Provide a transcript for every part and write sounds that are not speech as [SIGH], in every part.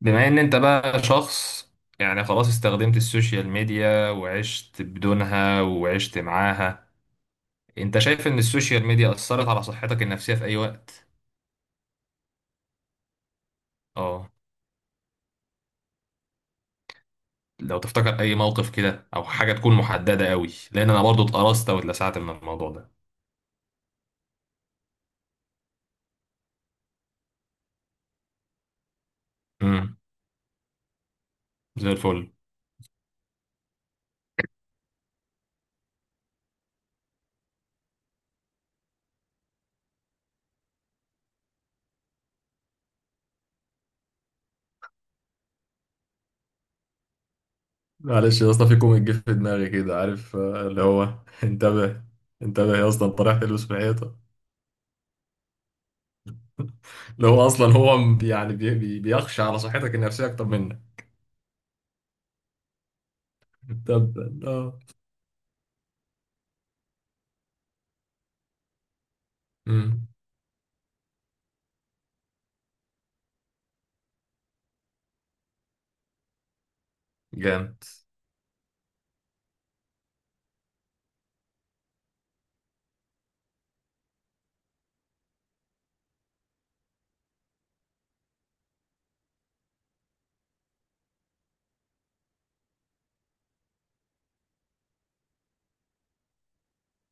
بما ان انت بقى شخص، يعني خلاص استخدمت السوشيال ميديا وعشت بدونها وعشت معاها. انت شايف ان السوشيال ميديا اثرت على صحتك النفسية في اي وقت؟ اه. لو تفتكر اي موقف كده او حاجة تكون محددة قوي، لان انا برضو اتقرصت واتلسعت من الموضوع ده. امم زي الفل. معلش يا اسطى، في كوميك جه في دماغي كده، عارف اللي هو [LAUGHS] انتبه، انتبه يا اسطى انت رايح تلبس في الحيطه. اللي هو اصلا هو بيخشى على صحتك النفسيه اكتر منك. طب. امم. جامد.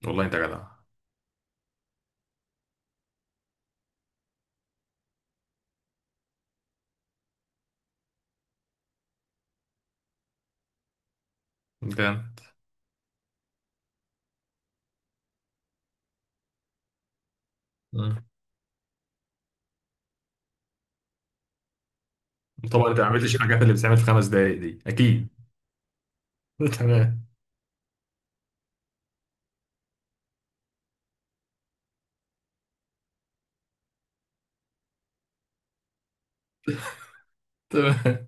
والله انت جدع. جامد. امم. طبعا انت ما عملتش الحاجات اللي بتتعمل في خمس دقايق دي، اكيد. [LAUGHS] تمام. تمام.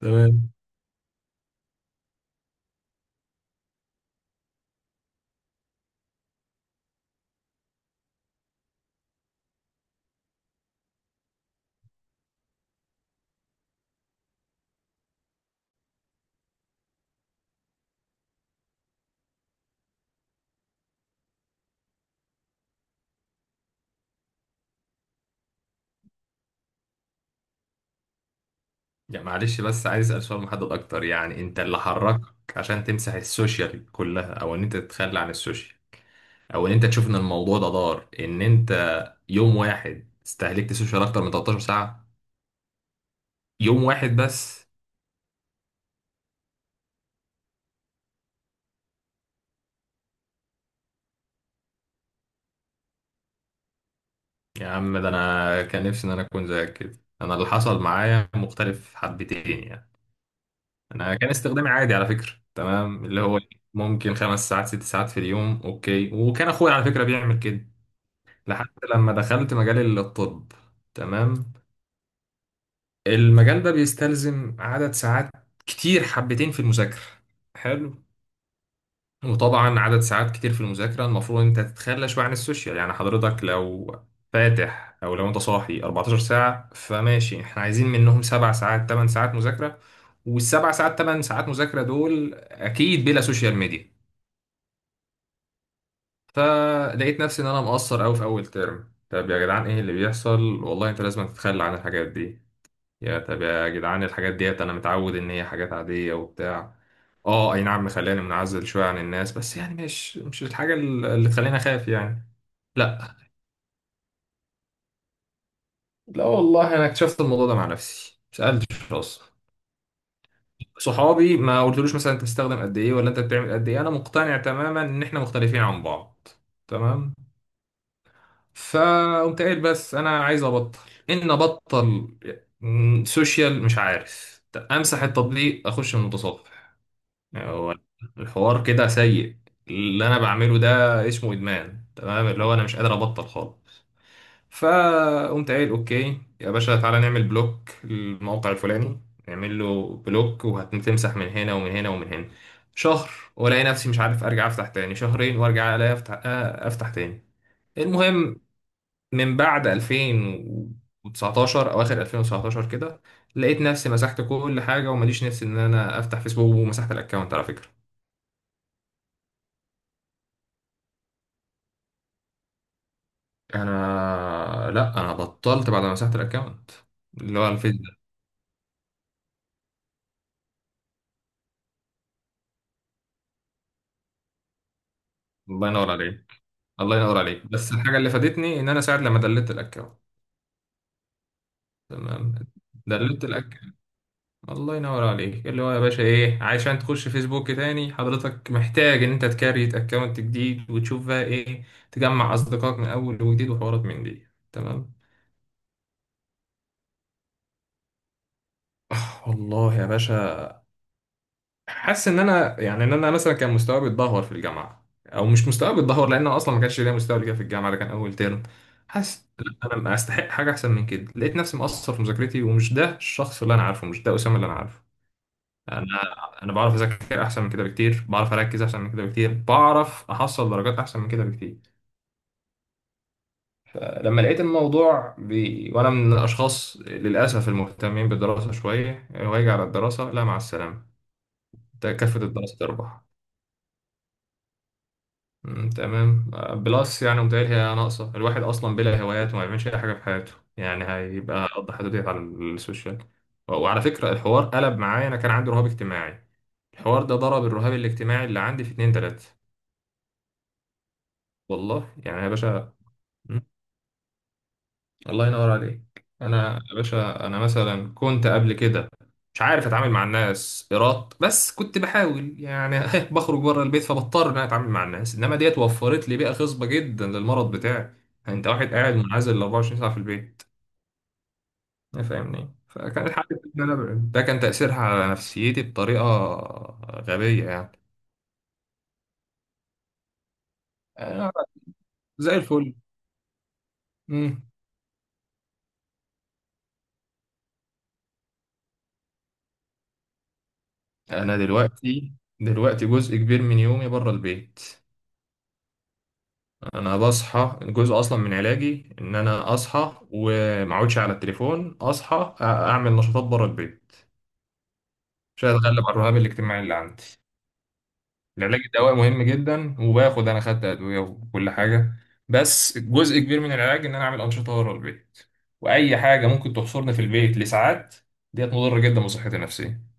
تمام. يعني معلش، بس عايز اسال سؤال محدد اكتر، يعني انت اللي حركك عشان تمسح السوشيال كلها او ان انت تتخلى عن السوشيال، او ان انت تشوف ان الموضوع ده ضار، ان انت يوم واحد استهلكت السوشيال اكتر من 13 ساعه؟ يوم واحد بس. يا عم، ده انا كان نفسي ان انا اكون زيك كده، انا اللي حصل معايا مختلف حبتين يعني. انا كان استخدامي عادي على فكره، تمام، اللي هو ممكن خمس ساعات ست ساعات في اليوم، اوكي. وكان اخويا على فكره بيعمل كده لحد لما دخلت مجال الطب. تمام. المجال ده بيستلزم عدد ساعات كتير حبتين في المذاكره. حلو. وطبعا عدد ساعات كتير في المذاكرة المفروض انت تتخلى شوية عن السوشيال، يعني حضرتك لو فاتح او لو انت صاحي 14 ساعة، فماشي، احنا عايزين منهم سبع ساعات 8 ساعات مذاكرة، والسبع ساعات 8 ساعات مذاكرة دول اكيد بلا سوشيال ميديا. فلقيت نفسي ان انا مقصر قوي في اول ترم طب، يا جدعان ايه اللي بيحصل، والله انت لازم تتخلى عن الحاجات دي يا طب، يا جدعان الحاجات ديت انا متعود ان هي حاجات عادية وبتاع، اه اي نعم مخلاني منعزل شوية عن الناس، بس يعني مش الحاجة اللي تخليني اخاف يعني. لا. والله انا اكتشفت الموضوع ده مع نفسي، مسألتش اصلا. صحابي ما قلتلوش مثلا انت بتستخدم قد ايه ولا انت بتعمل قد ايه، انا مقتنع تماما ان احنا مختلفين عن بعض. تمام. فقمت قايل بس انا عايز ابطل، ان ابطل، سوشيال مش عارف، امسح التطبيق، اخش من المتصفح. هو الحوار كده سيء، اللي انا بعمله ده اسمه ادمان، تمام، اللي هو انا مش قادر ابطل خالص. فقمت قايل اوكي يا باشا، تعالى نعمل بلوك للموقع الفلاني، نعمل له بلوك، وهتمسح من هنا ومن هنا ومن هنا. شهر، والاقي نفسي مش عارف ارجع افتح تاني. شهرين، وارجع الاقي افتح افتح تاني. المهم، من بعد 2019، اواخر 2019 كده، لقيت نفسي مسحت كل حاجه وماليش نفسي ان انا افتح فيسبوك، ومسحت الاكونت على فكره. انا لا، انا بطلت بعد ما مسحت الاكونت اللي هو الفيس ده. الله ينور عليك. الله ينور عليك، بس الحاجه اللي فادتني ان انا ساعه لما دلت الاكونت. تمام. دلت الاكونت. الله ينور عليك، اللي هو يا باشا ايه عشان تخش فيسبوك تاني، حضرتك محتاج ان انت تكريت اكونت جديد وتشوف بقى ايه، تجمع اصدقائك من اول وجديد وحوارات من دي. تمام. [LAUGHS] والله يا باشا، حاسس ان انا يعني ان انا مثلا كان مستواي بيتدهور في الجامعه، او مش مستواي بيتدهور لان أنا اصلا ما كانش ليا مستوى قبل كده في الجامعه، ده كان اول ترم. حاسس لأ، انا استحق حاجه احسن من كده، لقيت نفسي مقصر في مذاكرتي، ومش ده الشخص اللي انا عارفه، مش ده اسامه اللي انا عارفه. انا انا بعرف اذاكر احسن من كده بكتير، بعرف اركز احسن من كده بكتير، بعرف احصل درجات احسن من كده بكتير. لما لقيت الموضوع وانا من الاشخاص للاسف المهتمين بالدراسه شويه، واجي على الدراسه لا مع السلامه، ده كافه الدراسه تربح. تمام بلس يعني متهيألي هي ناقصة، الواحد أصلا بلا هوايات وما بيعملش أي حاجة في حياته، يعني هيبقى قضى حياته ديت على السوشيال. وعلى فكرة الحوار قلب معايا، أنا كان عندي رهاب اجتماعي، الحوار ده ضرب الرهاب الاجتماعي اللي عندي في اتنين تلاتة. والله يعني يا باشا. الله ينور عليك، انا يا باشا انا مثلا كنت قبل كده مش عارف اتعامل مع الناس ايراد، بس كنت بحاول يعني [LAUGHS] بخرج بره البيت فبضطر ان انا اتعامل مع الناس، انما ديت وفرت لي بيئه خصبه جدا للمرض بتاعي، يعني انت واحد قاعد منعزل 24 ساعه في البيت، إيه فاهمني، فكان الحل إن أنا أبعد. ده كان تاثيرها على نفسيتي بطريقه غبيه يعني. أنا زي الفل. مم. انا دلوقتي، دلوقتي جزء كبير من يومي بره البيت. انا بصحى، جزء اصلا من علاجي ان انا اصحى وما اقعدش على التليفون، اصحى اعمل نشاطات بره البيت عشان اتغلب على الرهاب الاجتماعي اللي عندي. العلاج الدوائي مهم جدا، وباخد، انا خدت ادويه وكل حاجه، بس جزء كبير من العلاج ان انا اعمل انشطه بره البيت. واي حاجه ممكن تحصرني في البيت لساعات ديت مضره جدا بصحتي النفسيه.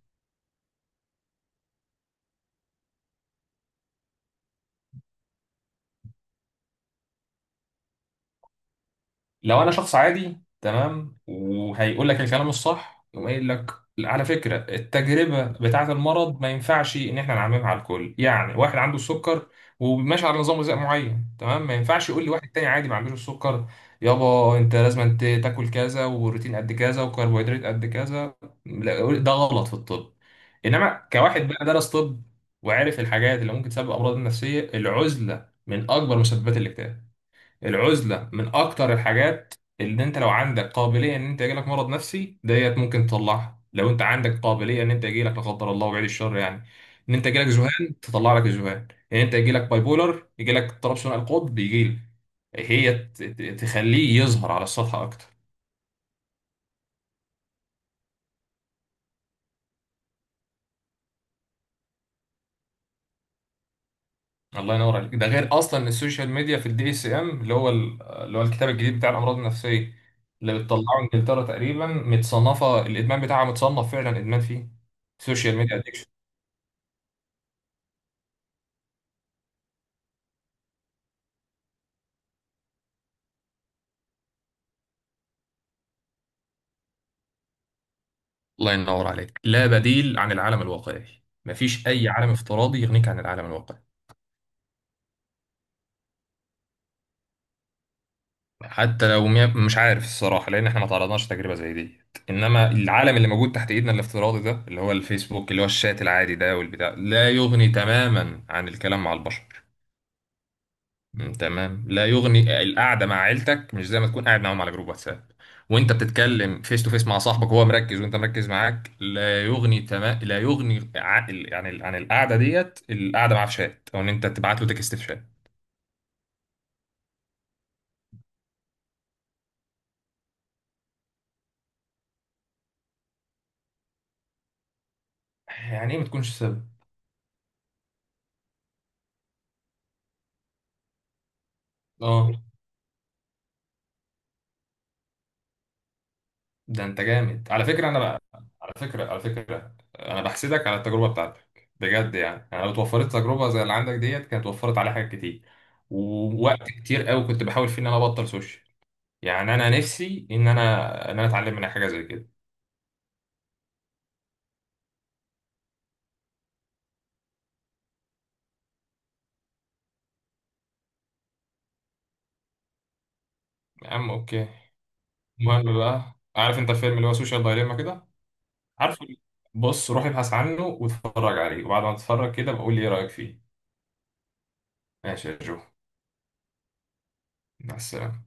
لو انا شخص عادي تمام وهيقول لك الكلام الصح، يقوم قايل لك على فكره التجربه بتاعه المرض ما ينفعش ان احنا نعممها على الكل. يعني واحد عنده السكر وماشي على نظام غذائي معين، تمام، ما ينفعش يقول لي واحد تاني عادي ما عندوش السكر يابا انت لازم انت تاكل كذا، وبروتين قد كذا، وكربوهيدرات قد كذا، لا، ده غلط في الطب. انما كواحد بقى درس طب، وعارف الحاجات اللي ممكن تسبب امراض نفسيه، العزله من اكبر مسببات الاكتئاب. العزلة من أكتر الحاجات اللي أنت لو عندك قابلية إن أنت يجيلك مرض نفسي، ديت ممكن تطلعها، لو أنت عندك قابلية إن أنت يجيلك لا قدر الله وبعيد الشر يعني، إن أنت يجيلك ذهان تطلع لك الذهان، إن أنت يجيلك باي بولر يجيلك اضطراب ثنائي القطب، يجيلك، هي تخليه يظهر على السطح أكتر. الله ينور عليك. ده غير أصلا إن السوشيال ميديا في الدي اس إم اللي هو اللي هو الكتاب الجديد بتاع الأمراض النفسية اللي بتطلعه إنجلترا، تقريبا متصنفة، الإدمان بتاعها متصنف فعلا إدمان فيه سوشيال ميديا. الله ينور عليك، لا بديل عن العالم الواقعي، مفيش اي عالم افتراضي يغنيك عن العالم الواقعي. حتى لو مش عارف الصراحه، لان احنا ما تعرضناش لتجربه زي دي، انما العالم اللي موجود تحت ايدنا الافتراضي ده اللي هو الفيسبوك، اللي هو الشات العادي ده والبتاع، لا يغني تماما عن الكلام مع البشر. تمام. لا يغني القعده مع عيلتك مش زي ما تكون قاعد معاهم على جروب واتساب، وانت بتتكلم فيس تو فيس مع صاحبك وهو مركز وانت مركز معاك، لا يغني، تمام، لا يغني عن القعده ديت، القعده معاه في شات او ان انت تبعت له تكست في شات. يعني ايه ما تكونش سبب؟ اه. ده انت جامد على فكره، انا بقى، على فكره، انا بحسدك على التجربه بتاعتك بجد يعني، انا لو اتوفرت تجربه زي اللي عندك ديت كانت وفرت عليا حاجات كتير ووقت كتير قوي كنت بحاول فيه ان انا ابطل سوشيال، يعني انا نفسي ان انا اتعلم منها حاجه زي كده. يا عم اوكي. المهم بقى، عارف انت الفيلم اللي هو سوشيال دايليما كده؟ عارفه؟ بص روح ابحث عنه واتفرج عليه، وبعد ما تتفرج كده بقول لي ايه رايك فيه. ماشي يا جو. مع السلامه.